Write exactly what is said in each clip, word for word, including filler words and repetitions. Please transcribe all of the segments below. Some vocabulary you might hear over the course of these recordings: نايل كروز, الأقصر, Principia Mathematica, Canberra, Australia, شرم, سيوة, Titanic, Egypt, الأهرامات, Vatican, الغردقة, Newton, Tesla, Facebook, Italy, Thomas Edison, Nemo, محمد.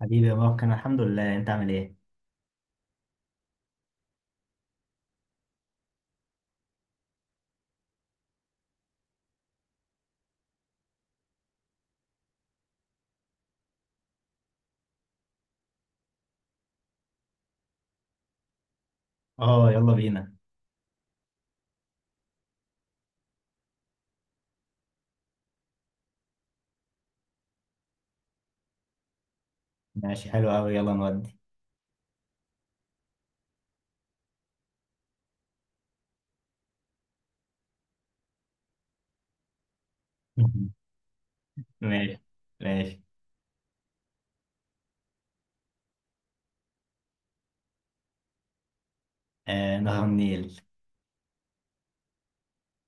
حبيبي، يا ممكن الحمد لله. انت عامل ايه؟ اه، يلا بينا. ماشي، حلو قوي، يلا نودي. ماشي. ماشي. آه، نهر النيل.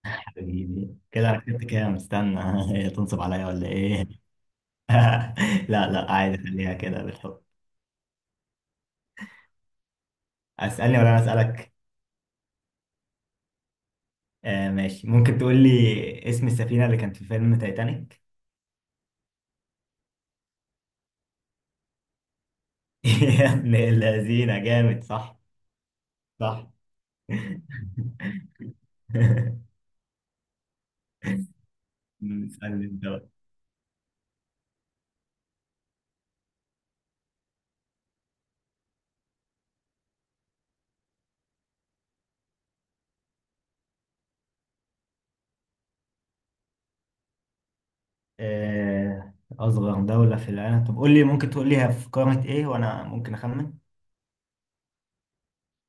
حبيبي كده انا كنت كام؟ استنى، تنصب عليا ولا ايه؟ لا لا، عادي، خليها كده بالحب. اسالني ولا انا اسالك؟ آه ماشي، ممكن تقول لي اسم السفينه اللي كانت في فيلم تايتانيك؟ يا ابن اللذينه، جامد، صح؟ صح. اسالني انت. آه، أصغر دولة في العالم، طب قول لي، ممكن تقول لي هي في قارة إيه وأنا ممكن أخمن.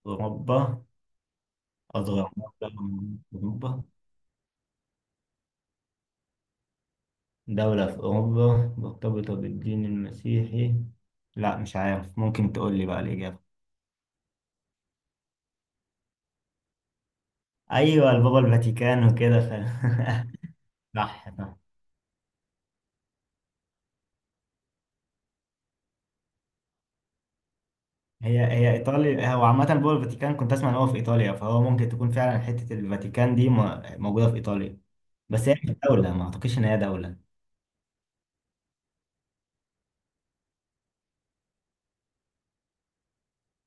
أوروبا. أصغر دولة موجودة في أوروبا. دولة في أوروبا مرتبطة بالدين المسيحي. لا مش عارف، ممكن تقول لي بقى الإجابة. أيوة، البابا الفاتيكان وكده ف... صح صح. هي هي إيطاليا. هو عامة البابا الفاتيكان كنت أسمع إن هو في إيطاليا، فهو ممكن تكون فعلا حتة الفاتيكان دي م- موجودة في إيطاليا. بس هي مش دولة، ما أعتقدش إن هي دولة.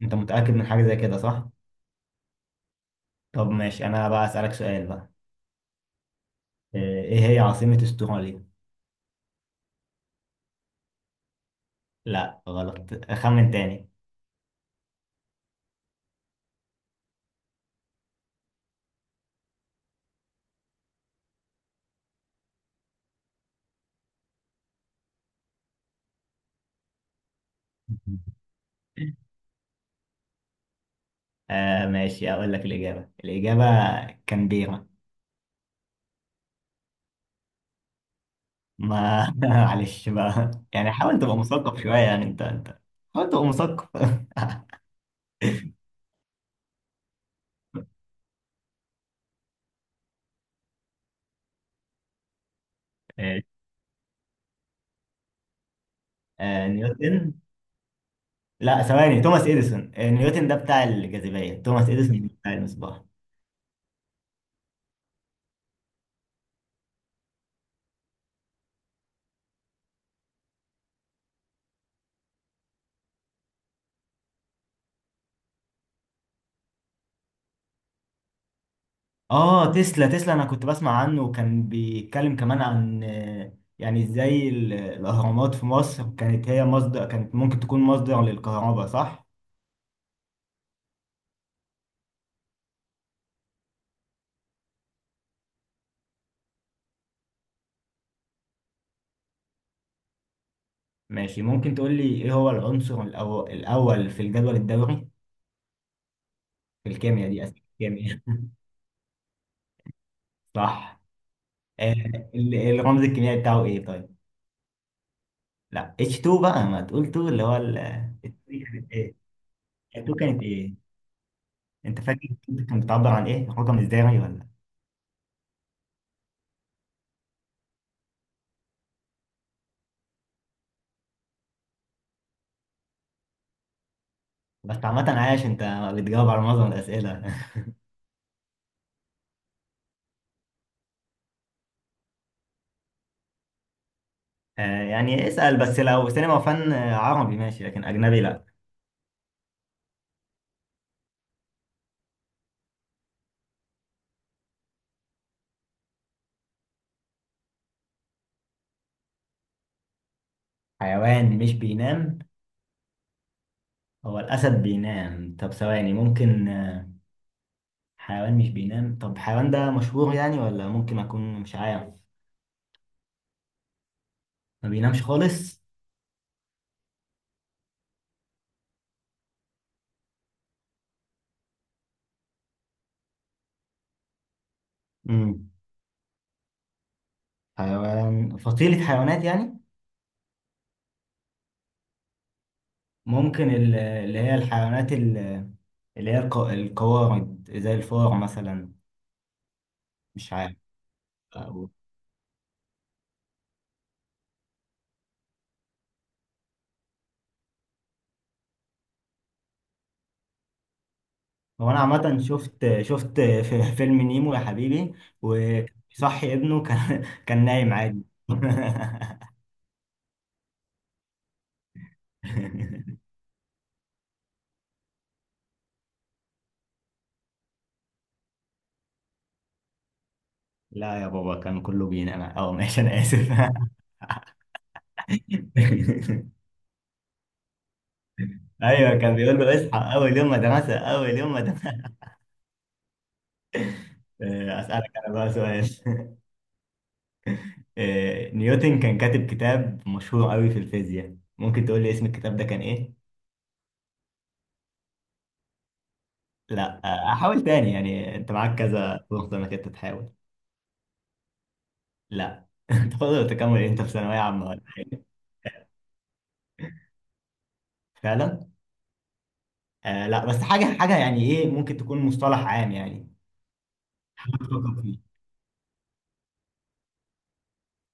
أنت متأكد من حاجة زي كده، صح؟ طب ماشي، انا بقى اسالك سؤال بقى. آه، ايه هي عاصمة استراليا؟ لا غلط، اخمن تاني. آه ماشي، اقول لك الاجابة، الاجابة كانبيرا. ما معلش بقى، يعني حاول تبقى مثقف شوية، يعني انت انت. حاول تبقى مثقف. ماشي. آه نيوتن. لا ثواني، توماس اديسون. آه نيوتن ده بتاع الجاذبية، توماس اديسون بتاع المصباح. اه تسلا، تسلا انا كنت بسمع عنه وكان بيتكلم كمان عن آه، يعني ازاي ال- الاهرامات في مصر كانت هي مصدر، كانت ممكن تكون مصدر للكهرباء، صح؟ ماشي، ممكن تقول لي ايه هو العنصر الأو- الاول في الجدول الدوري؟ في الكيمياء، دي اسئله الكيمياء. صح. آه ال- الرمز الكيميائي بتاعه ايه طيب؟ لا H تو بقى، ما تقول اتنين اللي هو ال اتنين. كانت ايه اتنين؟ كانت ايه انت فاكر اتنين كانت بتعبر عن ايه، رقم ازاي ولا؟ بس عامة عايش انت، بتجاوب على معظم الأسئلة. آه، يعني اسأل، بس لو سينما وفن آه، عربي ماشي، لكن أجنبي لأ. حيوان مش بينام؟ هو الأسد بينام. طب ثواني، ممكن آه، حيوان مش بينام؟ طب الحيوان ده مشهور يعني، ولا ممكن أكون مش عارف؟ ما بينامش خالص؟ امم، حيوان فصيلة حيوانات يعني؟ ممكن ال- اللي هي الحيوانات ال- اللي هي الق- القوارض زي الفار مثلا. مش عارف. هو انا عامه شفت شفت في فيلم نيمو يا حبيبي، وصحي ابنه كان كان نايم عادي. لا يا بابا، كان كله بينام. اه ماشي، انا اسف. ايوه كان بيقول له اصحى، اول يوم مدرسه، اول يوم مدرسه. آه، اسالك انا بقى سؤال. آه، نيوتن كان كاتب كتاب مشهور قوي في الفيزياء، ممكن تقول لي اسم الكتاب ده كان ايه؟ لا آه، احاول تاني، يعني انت معاك كذا فرصه انك انت تحاول. لا، تقدر تكمل انت في ثانويه عامه. فعلا. آه لا، بس حاجة حاجة يعني، ايه ممكن تكون مصطلح عام يعني بتفكر فيه.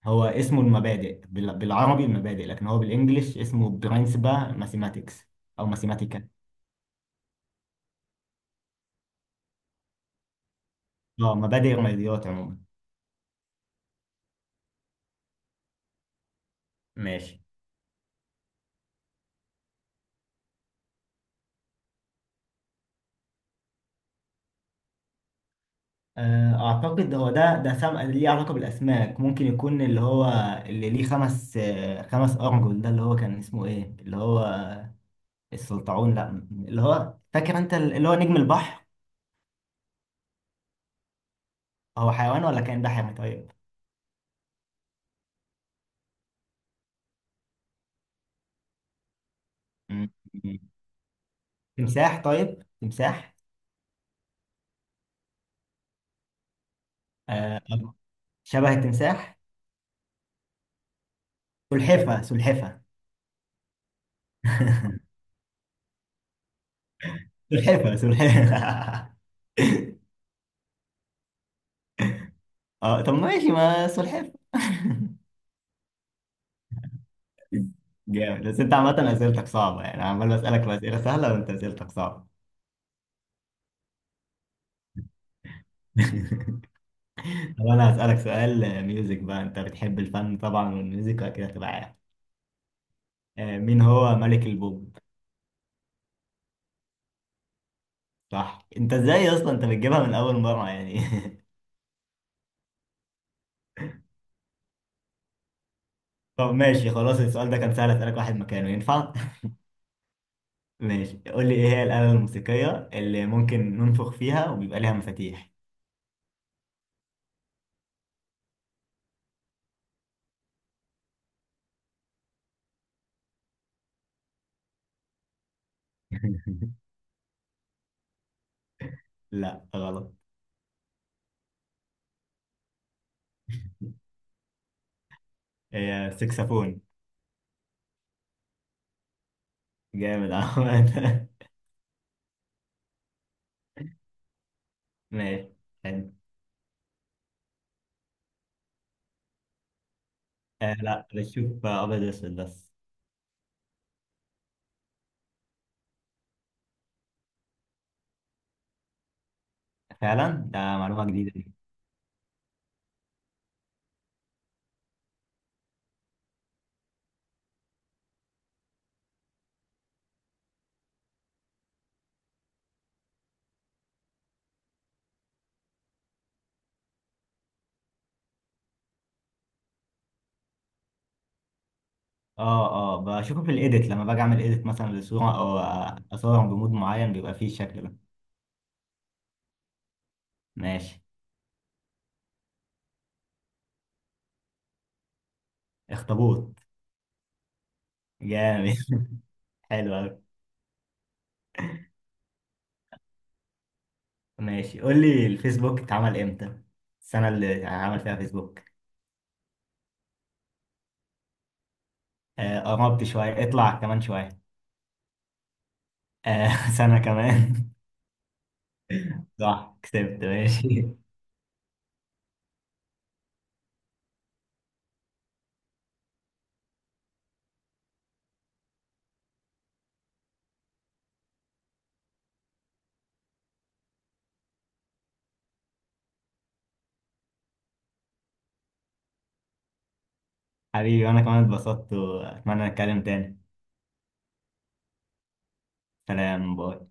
هو اسمه المبادئ، بال- بالعربي المبادئ، لكن هو بالانجلش اسمه برنسبا ماثيماتكس او ماثيماتيكا. اه مبادئ الرياضيات عموما. ماشي. آه اعتقد هو ده ده سم... ليه علاقة بالاسماك، ممكن يكون اللي هو اللي ليه خمس آه خمس ارجل، ده اللي هو كان اسمه ايه، اللي هو السلطعون؟ لا اللي هو، فاكر انت، اللي هو نجم البحر؟ هو حيوان ولا كائن بحري طيب؟ مم. تمساح، طيب تمساح. آه شبه التمساح. سلحفة، سلحفة. سلحفة، سلحفة. اه طب ماشي، ما سلحفة. جامد. بس انت عامة اسئلتك صعبة، يعني عمال بسألك في اسئلة سهلة وانت اسئلتك صعبة. طب انا هسألك سؤال ميوزك بقى، انت بتحب الفن طبعا والميوزك كده، تبقى عارف آه، مين هو ملك البوب؟ صح. انت ازاي اصلا انت بتجيبها من اول مرة يعني؟ طب ماشي خلاص، السؤال ده كان سهل، اسألك واحد مكانه ينفع. ماشي، قول لي ايه هي الآلة الموسيقية اللي ممكن ننفخ فيها وبيبقى ليها مفاتيح؟ لا غلط. هي سكسفون. جامد عمد. ماشي، حلو. آه لا، بشوف ابيض واسود بس. فعلا ده معلومة جديدة دي. اه اه بشوفه في الايديت لما باجي اعمل ايديت مثلا لصورة او اصورها بمود معين، بيبقى فيه الشكل ده. ماشي. اخطبوط. جامد. حلو أوي. ماشي، قول لي الفيسبوك اتعمل امتى؟ السنة اللي اتعمل فيها فيسبوك. آه، قربت شوية، اطلع كمان شوية. آه، سنة كمان. صح كسبت، ماشي. حبيبي، وأنا كمان اتبسطت وأتمنى نتكلم تاني. سلام، باي.